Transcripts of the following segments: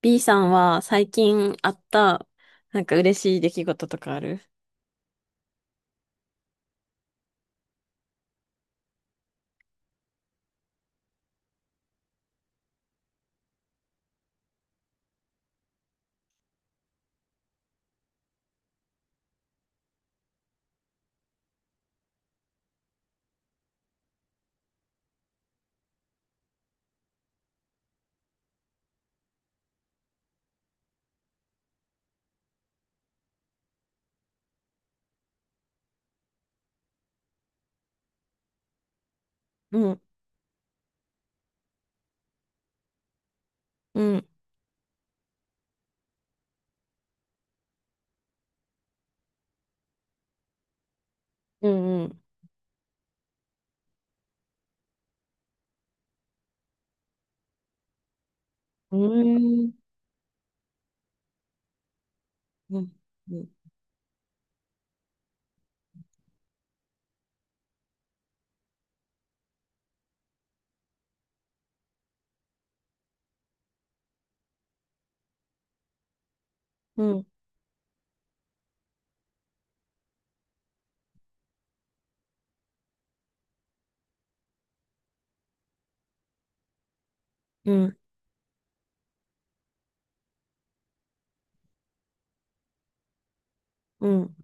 B さんは最近あった、なんか嬉しい出来事とかある？うん、うん、うん、うん、うーん。うん。うんうん、うんうん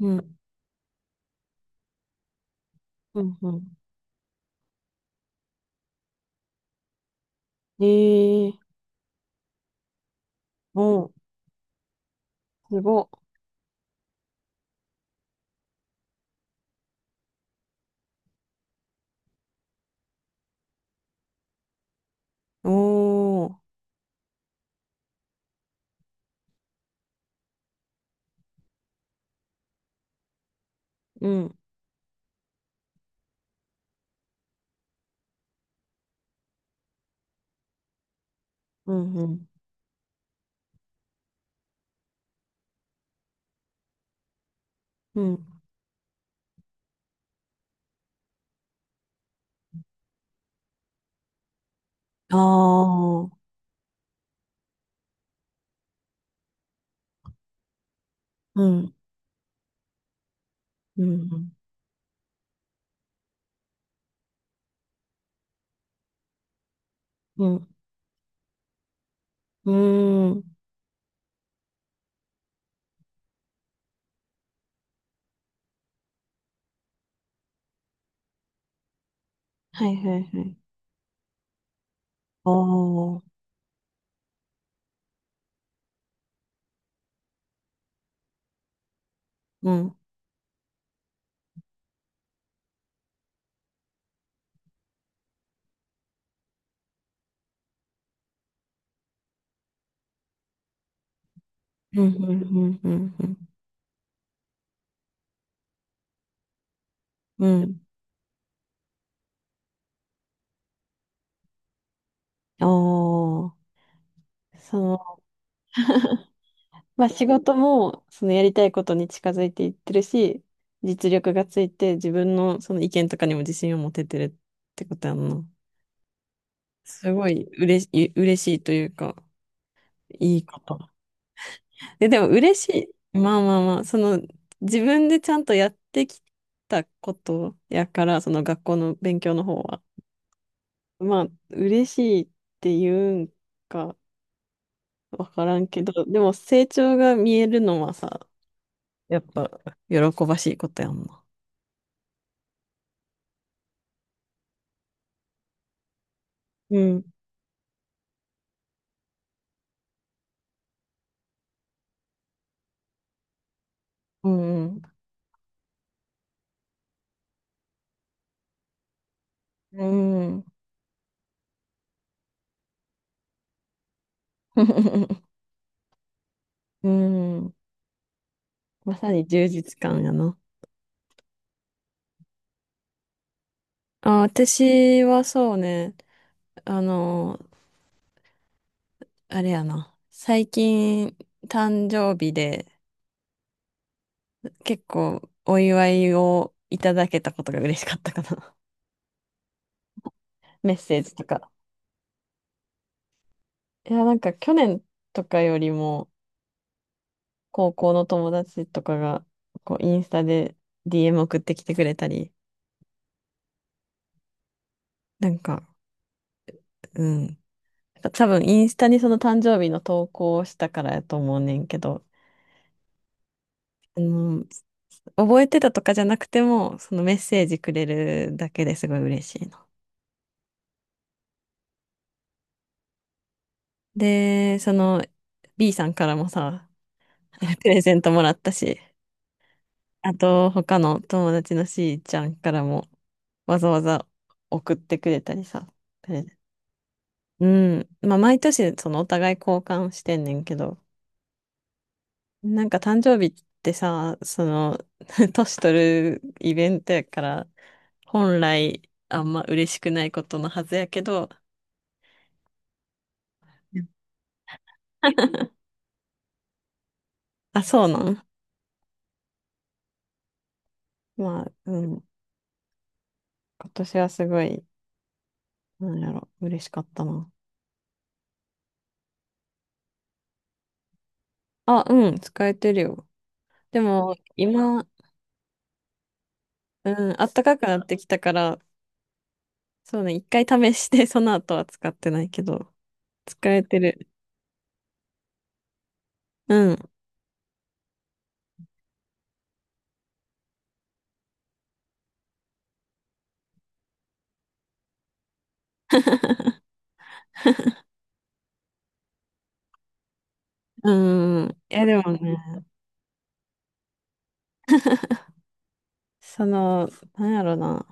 うん、うん、うん。うん。えー、おー、すごっ。おー、うん、うん、うん、うん、あー、うん、うん、うん、うん、うん、はいはいはい。おー、うん、うん、うん、うん、うん、うん、うん、おー、そう。まあ仕事もそのやりたいことに近づいていってるし、実力がついて自分のその意見とかにも自信を持ててるってことやんな。すごい嬉しい、嬉しいというか、いいこと。で、でも嬉しい。まあまあまあ、その自分でちゃんとやってきたことやから、その学校の勉強の方は。まあ、嬉しいっていうんかわからんけど、でも成長が見えるのはさ、やっぱ喜ばしいことやんな。うんうんうん。うん。まさに充実感やな。あ、私はそうね、あの、あれやな。最近、誕生日で結構お祝いをいただけたことが嬉しかったかな。メッセージとか。いや、なんか去年とかよりも、高校の友達とかが、こう、インスタで DM 送ってきてくれたり、なんか、うん。多分インスタにその誕生日の投稿をしたからやと思うねんけど、あの、覚えてたとかじゃなくても、そのメッセージくれるだけですごい嬉しいの。で、その B さんからもさ、プレゼントもらったし、あと他の友達の C ちゃんからもわざわざ送ってくれたりさ。プレゼント、うん。まあ毎年そのお互い交換してんねんけど、なんか誕生日ってさ、その、年取るイベントやから、本来あんま嬉しくないことのはずやけど、うん、あ、そうなん、まあ、うん。今年はすごい、なんやろ、嬉しかったな。あ、うん、使えてるよ。でも、今、うん、暖かくなってきたから、そうね、一回試して、その後は使ってないけど、使えてる。うん、うん。いや、でもね、その、なんやろな。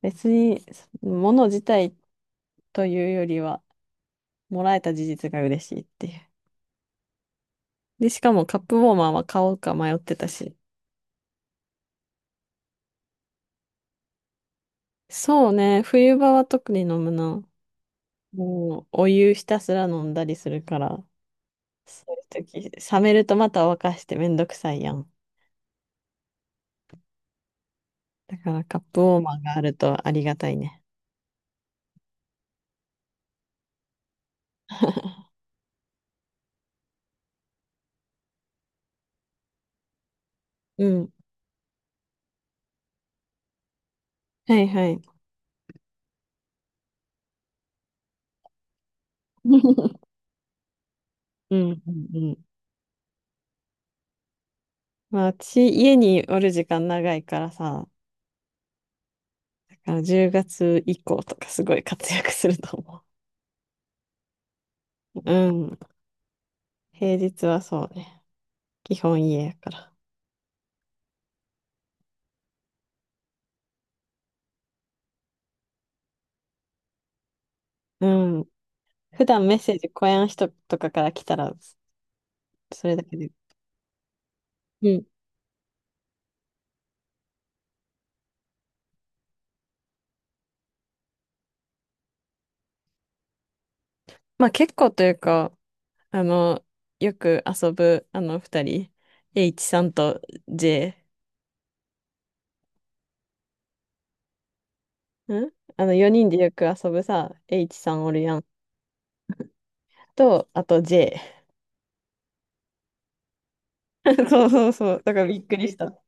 別に、物自体というよりは、もらえた事実が嬉しいっていう。で、しかもカップウォーマーは買おうか迷ってたし。そうね、冬場は特に飲むな。もう、お湯ひたすら飲んだりするから、そういう時、冷めるとまた沸かしてめんどくさいやん。だからカップウォーマーがあるとありがたいね。うん。はいはい。うんうんうん。まあ、私、家におる時間長いからさ、だから10月以降とかすごい活躍すると思う。うん。平日はそうね。基本家やから。うん。普段メッセージ、小屋の人とかから来たら、それだけで。うん。まあ結構というか、あの、よく遊ぶ、あの、二人、H さんと J。ん、あの、四人でよく遊ぶさ、H さんおるやん。と、あと J。そうそうそう。だからびっくりした。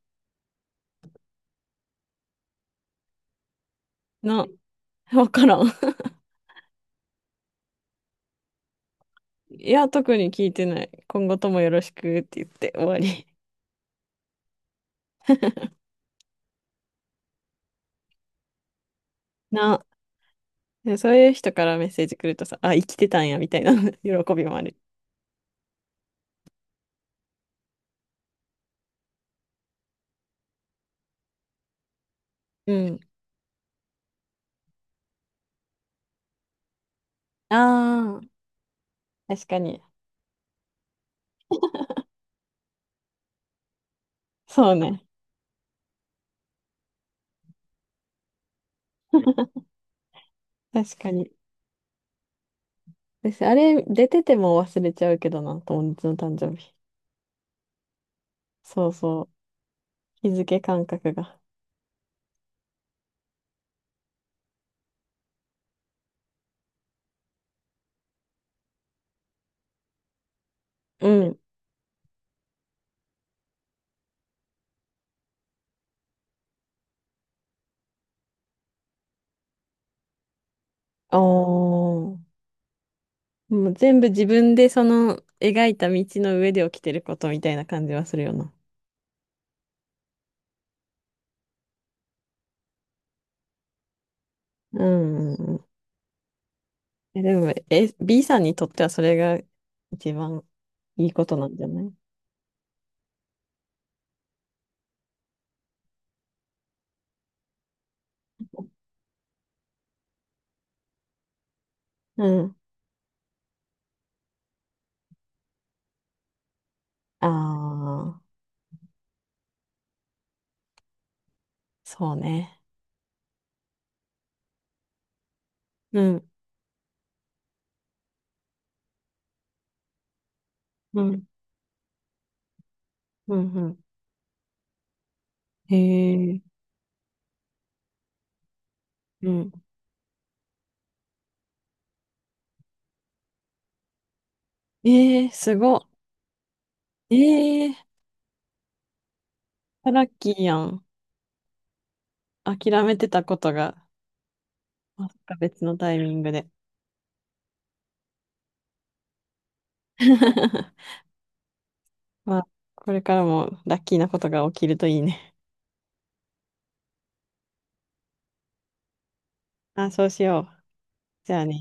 な、わからん。いや、特に聞いてない。今後ともよろしくって言って終わり。な。でそういう人からメッセージ来るとさ、あ、生きてたんや、みたいな 喜びもある。うん。ああ、確かに。そうね。確かに。私、あれ、出てても忘れちゃうけどな、友達の誕生日。そうそう。日付感覚が。うん。おー。もう全部自分でその描いた道の上で起きてることみたいな感じはするよな。うんうんうん。え、でも、え、B さんにとってはそれが一番いいことなんじゃない？うん。ああ。そうね。うん、うん、うん、うん。へえ、うん。ええ、すごっ。ええ、ラッキーやん。諦めてたことが、まさか別のタイミングで。まあ、これからもラッキーなことが起きるといいね。あ、そうしよう。じゃあね。